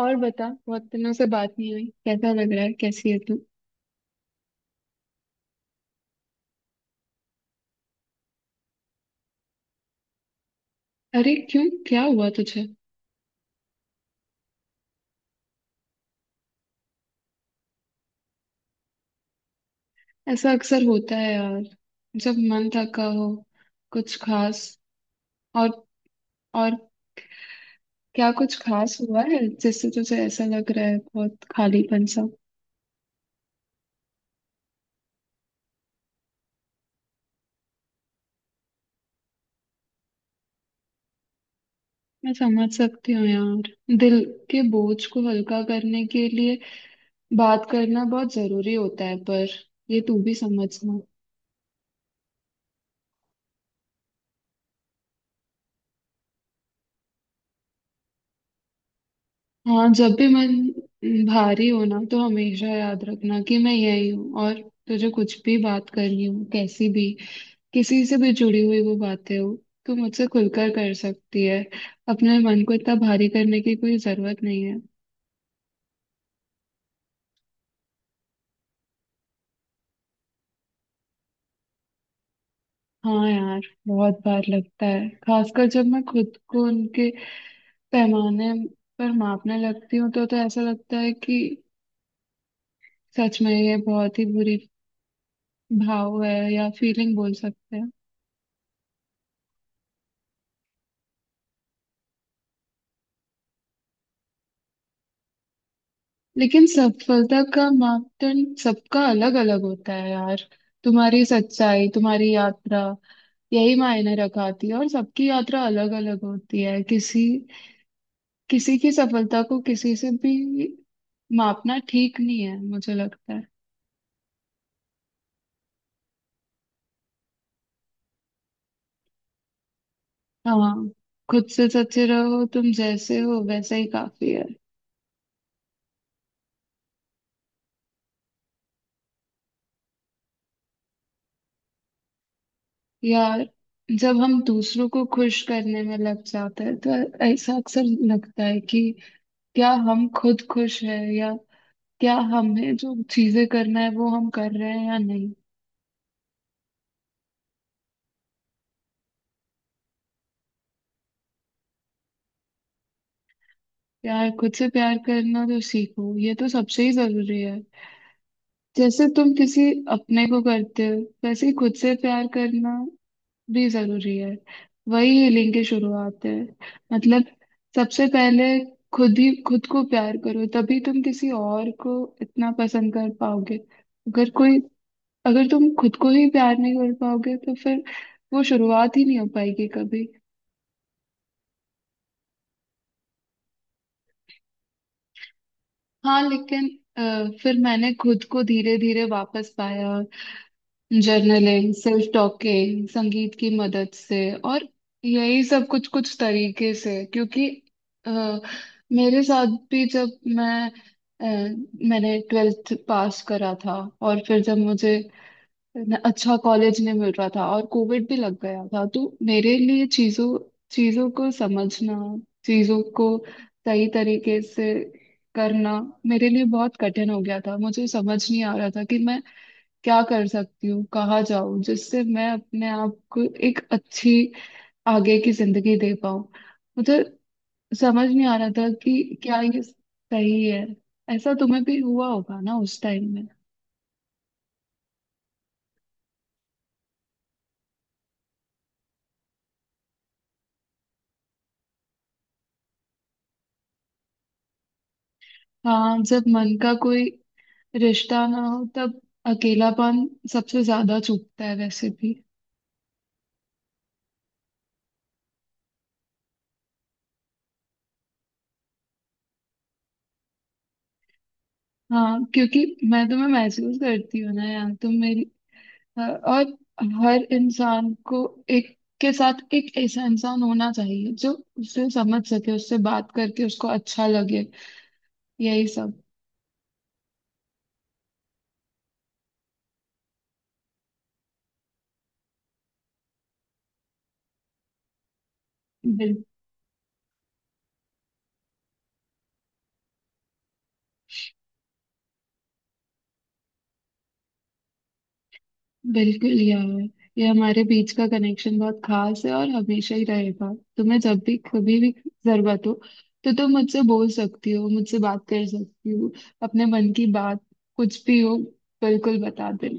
और बता, बहुत दिनों से बात नहीं हुई। कैसा लग रहा है? कैसी है तू? अरे क्यों? क्या हुआ तुझे? ऐसा अक्सर होता है यार, जब मन थका हो। कुछ खास और और क्या कुछ खास हुआ है जिससे तुझे ऐसा लग रहा है, बहुत खालीपन सा? मैं समझ सकती हूँ यार। दिल के बोझ को हल्का करने के लिए बात करना बहुत जरूरी होता है, पर ये तू भी समझना। हाँ, जब भी मन भारी हो ना तो हमेशा याद रखना कि मैं यही हूँ, और तुझे कुछ भी बात करनी हो, कैसी भी, किसी से भी जुड़ी हुई वो बातें हो, तू मुझसे खुलकर कर सकती है। अपने मन को इतना भारी करने की कोई जरूरत नहीं है। हाँ यार, बहुत बार लगता है, खासकर जब मैं खुद को उनके पैमाने पर मापने लगती हूँ तो ऐसा लगता है कि सच में ये बहुत ही बुरी भाव है, या फीलिंग बोल सकते हैं। लेकिन सफलता का मापदंड सबका अलग अलग होता है यार। तुम्हारी सच्चाई, तुम्हारी यात्रा, यही मायने रखाती है। और सबकी यात्रा अलग अलग होती है। किसी किसी की सफलता को किसी से भी मापना ठीक नहीं है, मुझे लगता है। हाँ, खुद से सच्चे रहो, तुम जैसे हो वैसे ही काफी है। यार, जब हम दूसरों को खुश करने में लग जाते हैं तो ऐसा अक्सर लगता है कि क्या हम खुद खुश हैं, या क्या हमें जो चीजें करना है वो हम कर रहे हैं या नहीं। प्यार, खुद से प्यार करना तो सीखो, ये तो सबसे ही जरूरी है। जैसे तुम किसी अपने को करते हो वैसे ही खुद से प्यार करना भी जरूरी है। वही हीलिंग की शुरुआत है। मतलब, सबसे पहले खुद ही खुद को प्यार करो, तभी तुम किसी और को इतना पसंद कर पाओगे। अगर कोई, अगर तुम खुद को ही प्यार नहीं कर पाओगे तो फिर वो शुरुआत ही नहीं हो पाएगी कभी। हाँ, लेकिन अ, फिर मैंने खुद को धीरे धीरे वापस पाया। जर्नलिंग, सेल्फ टॉकिंग, संगीत की मदद से। और यही सब कुछ कुछ तरीके से, क्योंकि अ, मेरे साथ भी जब मैं मैंने ट्वेल्थ पास करा था, और फिर जब मुझे अच्छा कॉलेज नहीं मिल रहा था और कोविड भी लग गया था, तो मेरे लिए चीजों चीजों को समझना, चीजों को सही तरीके से करना मेरे लिए बहुत कठिन हो गया था। मुझे समझ नहीं आ रहा था कि मैं क्या कर सकती हूँ, कहाँ जाऊँ, जिससे मैं अपने आप को एक अच्छी आगे की जिंदगी दे पाऊँ। मुझे समझ नहीं आ रहा था कि क्या ये सही है। ऐसा तुम्हें भी हुआ होगा ना उस टाइम में? हाँ, जब मन का कोई रिश्ता ना हो तब अकेलापन सबसे ज्यादा चुभता है वैसे भी। हाँ, क्योंकि मैं तुम्हें महसूस करती हूँ ना यार, तुम मेरी। और हर इंसान को एक के साथ एक ऐसा इंसान होना चाहिए जो उसे समझ सके, उससे बात करके उसको अच्छा लगे, यही सब। बिल्कुल यार, ये हमारे बीच का कनेक्शन बहुत खास है और हमेशा ही रहेगा। तुम्हें जब भी, कभी भी जरूरत हो तो तुम मुझसे बोल सकती हो, मुझसे बात कर सकती हो। अपने मन की बात, कुछ भी हो, बिल्कुल बता देना।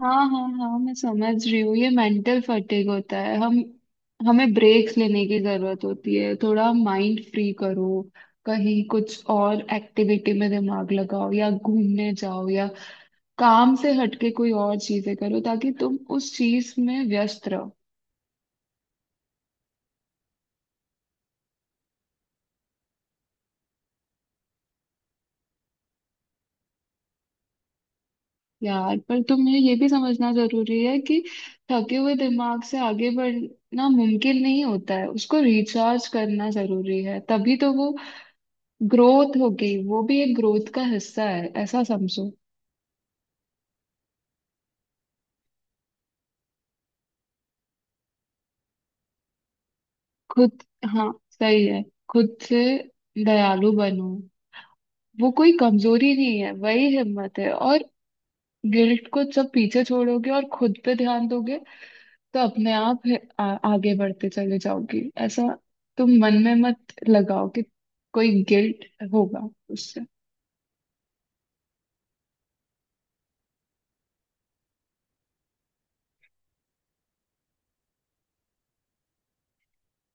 हाँ हाँ हाँ, मैं समझ रही हूँ। ये मेंटल फटीग होता है। हम हमें ब्रेक्स लेने की जरूरत होती है। थोड़ा माइंड फ्री करो, कहीं कुछ और एक्टिविटी में दिमाग लगाओ, या घूमने जाओ, या काम से हटके कोई और चीजें करो, ताकि तुम उस चीज में व्यस्त रहो। यार, पर तुम्हें ये भी समझना जरूरी है कि थके हुए दिमाग से आगे बढ़ना मुमकिन नहीं होता है। उसको रिचार्ज करना जरूरी है, तभी तो वो ग्रोथ होगी। वो भी एक ग्रोथ का हिस्सा है, ऐसा समझो। खुद, हाँ, सही है, खुद से दयालु बनो। वो कोई कमजोरी नहीं है, वही हिम्मत है। और गिल्ट को जब पीछे छोड़ोगे और खुद पे ध्यान दोगे, तो अपने आप आगे बढ़ते चले जाओगी। ऐसा तुम मन में मत लगाओ कि कोई गिल्ट होगा उससे।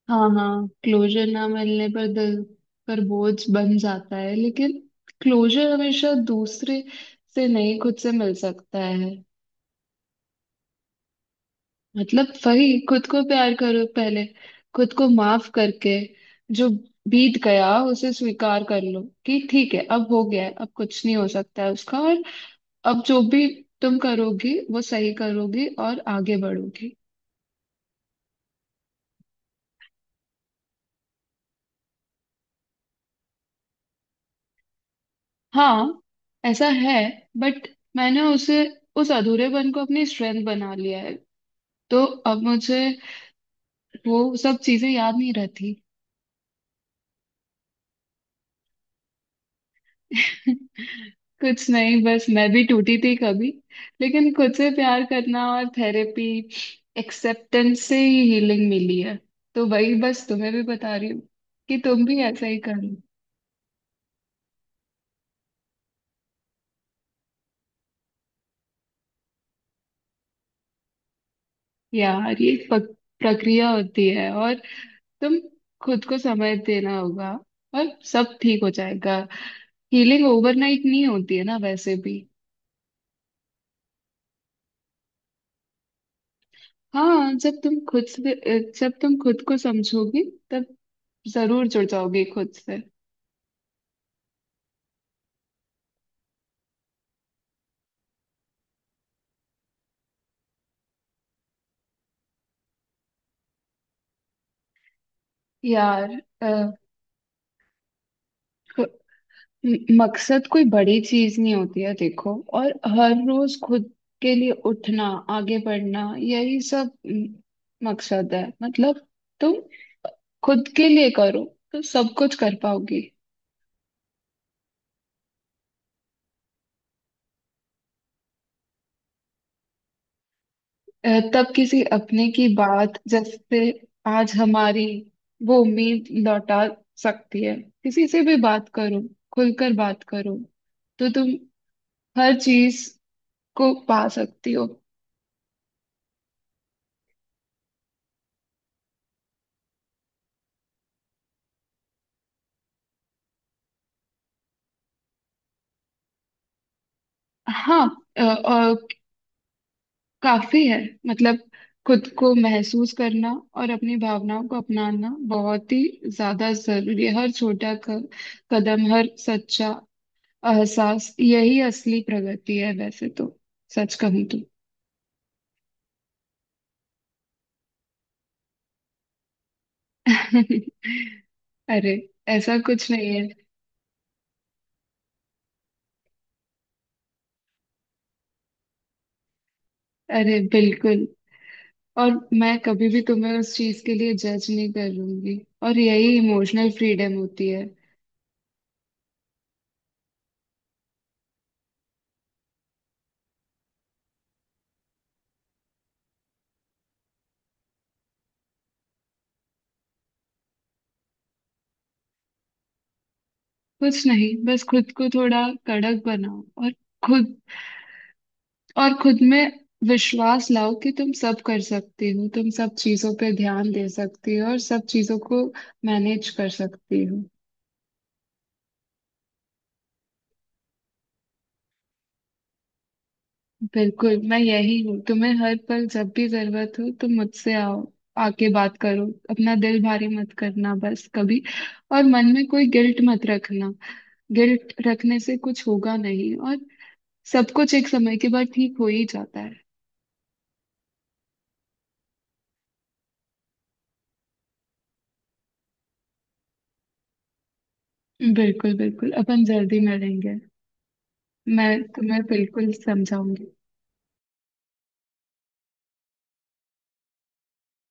हाँ हाँ, क्लोजर ना मिलने पर दिल पर बोझ बन जाता है, लेकिन क्लोजर हमेशा दूसरे से नहीं, खुद से मिल सकता है। मतलब वही, खुद को प्यार करो पहले, खुद को माफ करके। जो बीत गया उसे स्वीकार कर लो कि ठीक है, अब हो गया है, अब कुछ नहीं हो सकता है उसका। और अब जो भी तुम करोगी वो सही करोगी और आगे बढ़ोगी। हाँ, ऐसा है, बट मैंने उसे, उस अधूरेपन को अपनी स्ट्रेंथ बना लिया है। तो अब मुझे वो सब चीजें याद नहीं रहती। कुछ नहीं, बस मैं भी टूटी थी कभी, लेकिन खुद से प्यार करना और थेरेपी, एक्सेप्टेंस से ही हीलिंग मिली है। तो वही बस तुम्हें भी बता रही हूँ कि तुम भी ऐसा ही करो। यार, ये एक प्रक्रिया होती है, और तुम खुद को समय देना होगा और सब ठीक हो जाएगा। हीलिंग ओवरनाइट नहीं होती है ना वैसे भी। हाँ, जब तुम खुद से जब तुम खुद को समझोगी तब जरूर जुड़ जाओगी खुद से। यार, अ, क- मकसद कोई बड़ी चीज नहीं होती है, देखो। और हर रोज खुद के लिए उठना, आगे बढ़ना, यही सब मकसद है। मतलब तुम खुद के लिए करो तो सब कुछ कर पाओगी। तब किसी अपने की बात, जैसे आज हमारी, वो उम्मीद लौटा सकती है। किसी से भी बात करो, खुलकर बात करो तो तुम हर चीज को पा सकती हो। हाँ, अ, अ, काफी है। मतलब खुद को महसूस करना और अपनी भावनाओं को अपनाना बहुत ही ज्यादा जरूरी है। हर छोटा कदम, हर सच्चा एहसास, यही असली प्रगति है वैसे तो, सच कहूँ तो। अरे, ऐसा कुछ नहीं है। अरे बिल्कुल, और मैं कभी भी तुम्हें उस चीज के लिए जज नहीं करूंगी, और यही इमोशनल फ्रीडम होती है। कुछ नहीं, बस खुद को थोड़ा कड़क बनाओ, और खुद, और खुद में विश्वास लाओ कि तुम सब कर सकती हो, तुम सब चीजों पे ध्यान दे सकती हो और सब चीजों को मैनेज कर सकती हो। बिल्कुल, मैं यही हूँ। तुम्हें हर पल जब भी जरूरत हो, तुम मुझसे आओ, आके बात करो। अपना दिल भारी मत करना बस कभी, और मन में कोई गिल्ट मत रखना। गिल्ट रखने से कुछ होगा नहीं, और सब कुछ एक समय के बाद ठीक हो ही जाता है। बिल्कुल बिल्कुल, अपन जल्दी मिलेंगे। मैं तुम्हें बिल्कुल समझाऊंगी।